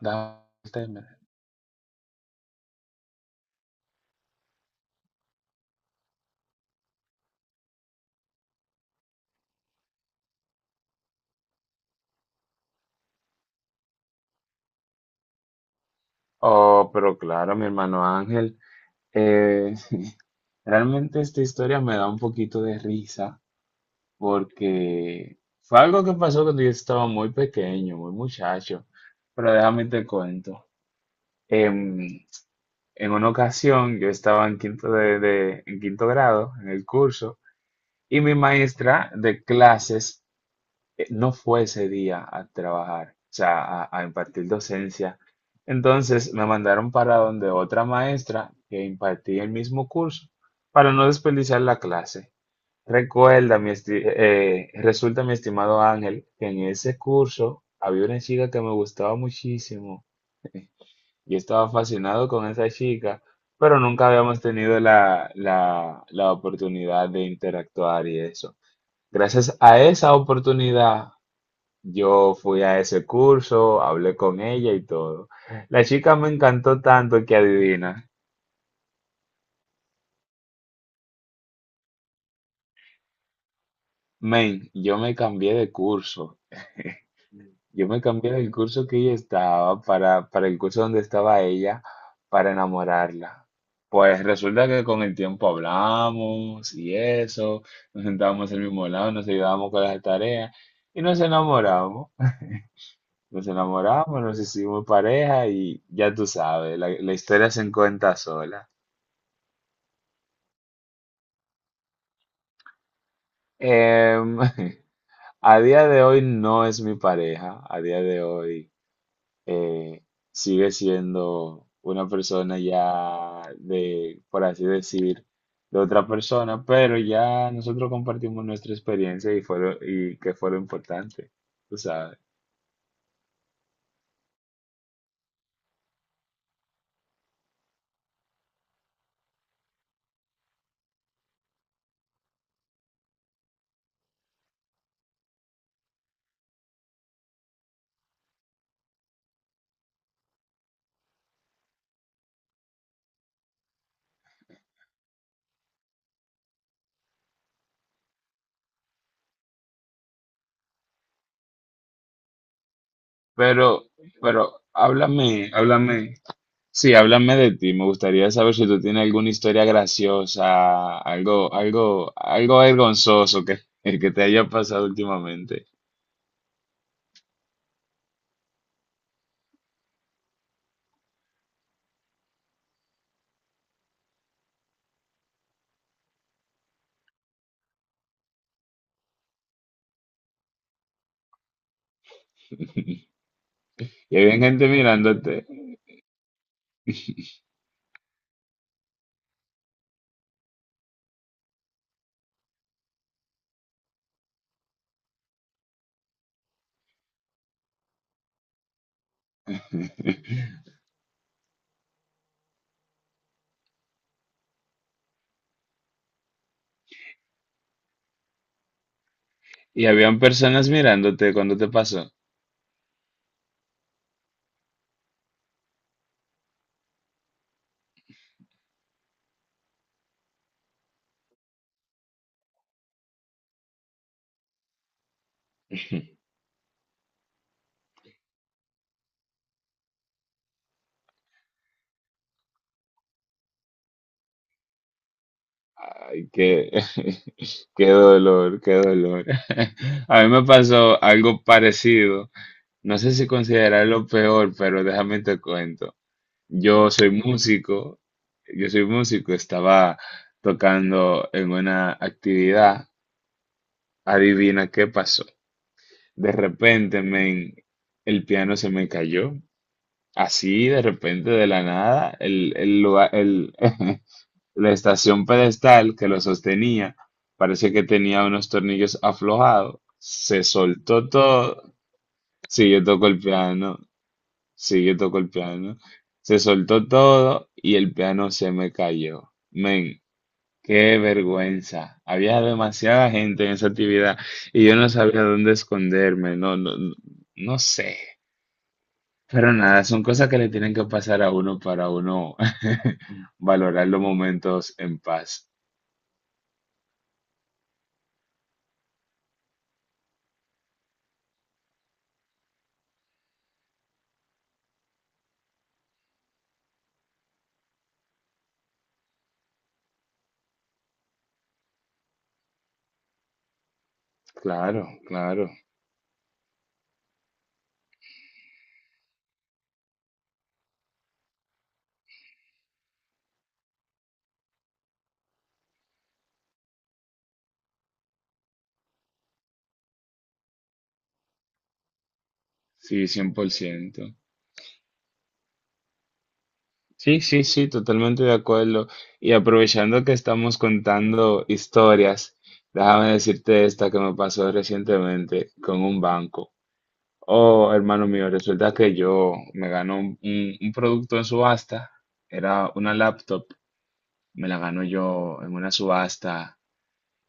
Dante Oh, pero claro, mi hermano Ángel. eh, Realmente esta historia me da un poquito de risa porque fue algo que pasó cuando yo estaba muy pequeño, muy muchacho. Pero déjame te cuento. En, en una ocasión yo estaba en en quinto grado en el curso y mi maestra de clases no fue ese día a trabajar, o sea, a impartir docencia. Entonces me mandaron para donde otra maestra que impartía el mismo curso, para no desperdiciar la clase. Resulta, mi estimado Ángel, que en ese curso había una chica que me gustaba muchísimo. Yo estaba fascinado con esa chica, pero nunca habíamos tenido la oportunidad de interactuar y eso. Gracias a esa oportunidad yo fui a ese curso, hablé con ella y todo. La chica me encantó tanto que adivina. Men, yo me cambié de curso. Yo me cambié del curso que ella estaba para el curso donde estaba ella para enamorarla. Pues resulta que con el tiempo hablamos y eso, nos sentábamos al mismo lado, nos ayudábamos con las tareas y nos enamoramos. Nos enamoramos, nos hicimos pareja y ya tú sabes, la historia se cuenta sola. Em, a día de hoy no es mi pareja, a día de hoy eh, sigue siendo una persona ya de, por así decir, de otra persona, pero ya nosotros compartimos nuestra experiencia y y que fue lo importante, tú sabes. Pero, pero háblame, háblame. Sí, háblame de ti. Me gustaría saber si tú tienes alguna historia graciosa, algo vergonzoso que, que te haya pasado últimamente. Y había gente mirándote. Y habían personas mirándote cuando te pasó. Ay, qué, qué dolor, qué dolor. A mí me pasó algo parecido. No sé si considerarlo peor, pero déjame te cuento. Yo soy músico, yo soy músico, estaba tocando en una actividad, adivina qué pasó. De repente, men, el piano se me cayó, así de repente de la nada, la estación pedestal que lo sostenía, parece que tenía unos tornillos aflojados, se soltó todo, sí, yo toco el piano. Sí, yo toco el piano. Se soltó todo y el piano se me cayó. Men, qué vergüenza. Había demasiada gente en esa actividad y yo no sabía dónde esconderme. No, no sé. Pero nada, son cosas que le tienen que pasar a uno para uno valorar los momentos en paz. Claro, claro. Sí, 100%. Sí, sí, sí, totalmente de acuerdo. Y aprovechando que estamos contando historias, déjame decirte esta que me pasó recientemente con un banco. Oh, hermano mío, resulta que yo me ganó un producto en subasta, era una laptop, me la ganó yo en una subasta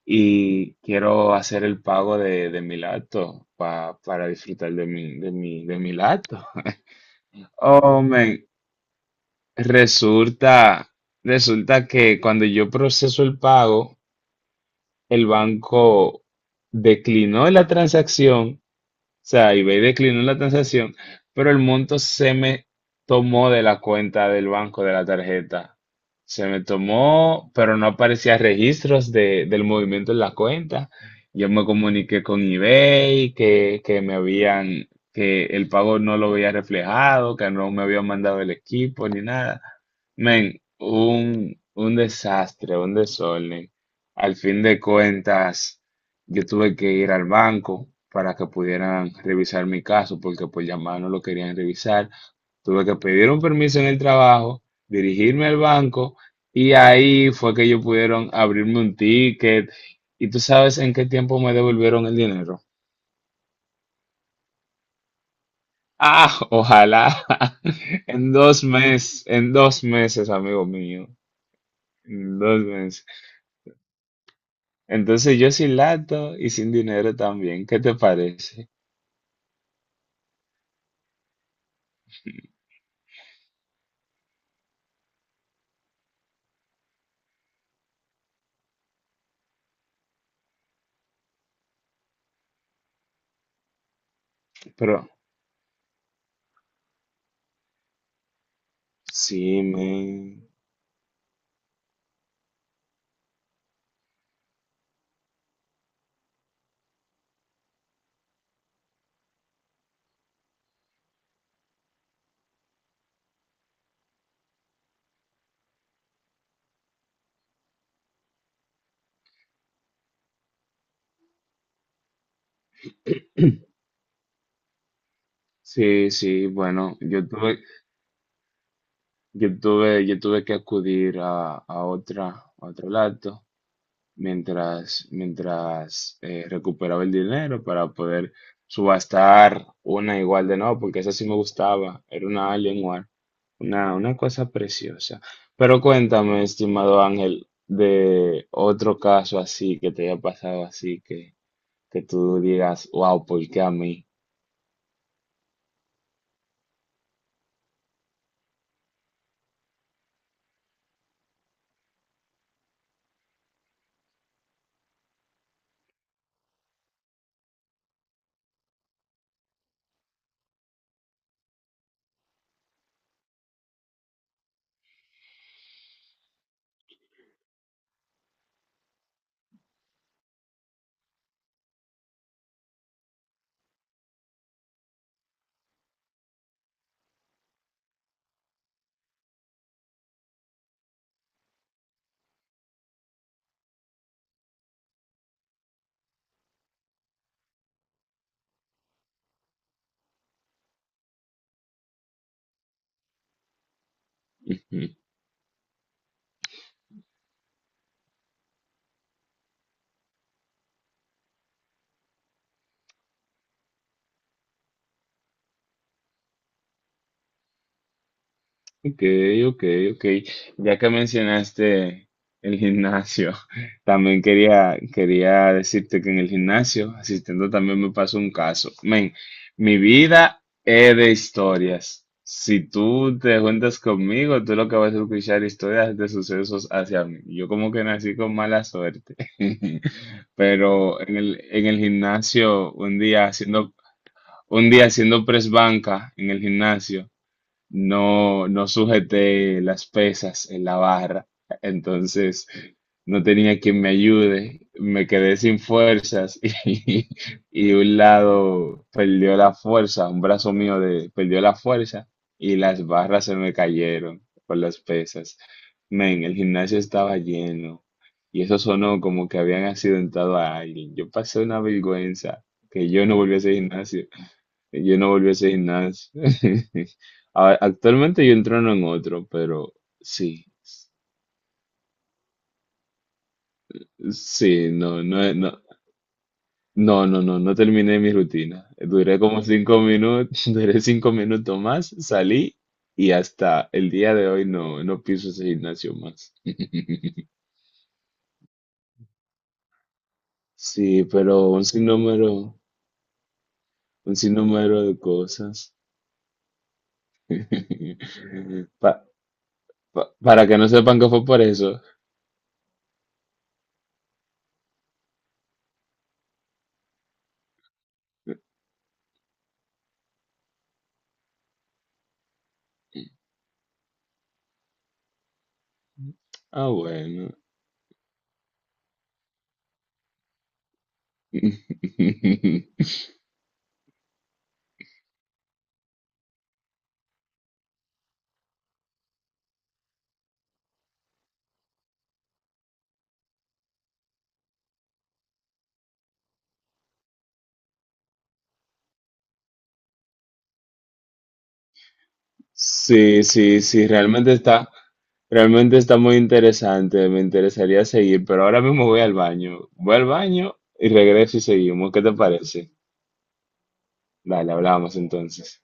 y quiero hacer el pago de mi laptop para disfrutar de mi laptop. Oh, man, Resulta, resulta que cuando yo proceso el pago, el banco declinó la transacción sea, eBay declinó la transacción, pero el monto se me tomó de la cuenta del banco de la tarjeta. Se me tomó, pero no aparecía del movimiento en la cuenta. Yo me comuniqué con eBay que el pago no lo había reflejado, que no me habían mandado el equipo ni nada. Men, un desastre, un desorden. Al fin de cuentas. Yo tuve que ir al banco para que pudieran revisar mi caso porque por llamar no lo querían revisar. Tuve que pedir un permiso en el trabajo, dirigirme al banco y ahí fue que ellos pudieron abrirme un ticket. ¿Y tú sabes en qué tiempo me devolvieron el dinero? Ah, ojalá. En 2 meses, en dos meses, amigo mío. En 2 meses. Entonces yo sin lato y sin dinero también. ¿Qué te parece? Pero sí, me... Sí, sí, bueno, yo tuve que acudir a otra, a otro lado mientras recuperaba el dinero para poder subastar una igual de nuevo, porque esa sí me gustaba, era una Alienware, una cosa preciosa. Pero cuéntame, estimado Ángel, de otro caso así que te haya pasado así que tú digas, wow, ¿por qué a mí? Ok, ok, ok. Ya que mencionaste el gimnasio, también quería decirte que en el gimnasio, asistiendo también me pasó un caso. Men, mi vida es de historias. Si tú te juntas conmigo, tú lo que vas a escuchar historias de sucesos hacia mí. Yo como que nací con mala suerte. Pero en en el gimnasio, un día haciendo press banca en el gimnasio no, no sujeté las pesas en la barra, entonces no tenía quien me ayude, me quedé sin fuerzas y un lado perdió la fuerza, un brazo perdió la fuerza y las barras se me cayeron por las pesas. Men, el gimnasio estaba lleno y eso sonó como que habían accidentado a alguien. Yo pasé una vergüenza que yo no volví a ese gimnasio. Yo no volví a ese gimnasio. A- Actualmente yo entreno en otro, pero sí, sí, no, no, no, no, no, no, no terminé mi rutina. Duré como 5 minutos, duré 5 minutos más, salí y hasta el día de hoy no, no piso ese gimnasio más. Sí, pero un sinnúmero de cosas. Pa- para que no sepan que fue por eso. Ah, bueno. Sí, sí, sí, realmente está muy interesante, me interesaría seguir, pero ahora mismo voy al baño y regreso y seguimos, ¿qué te parece? Dale, hablamos entonces.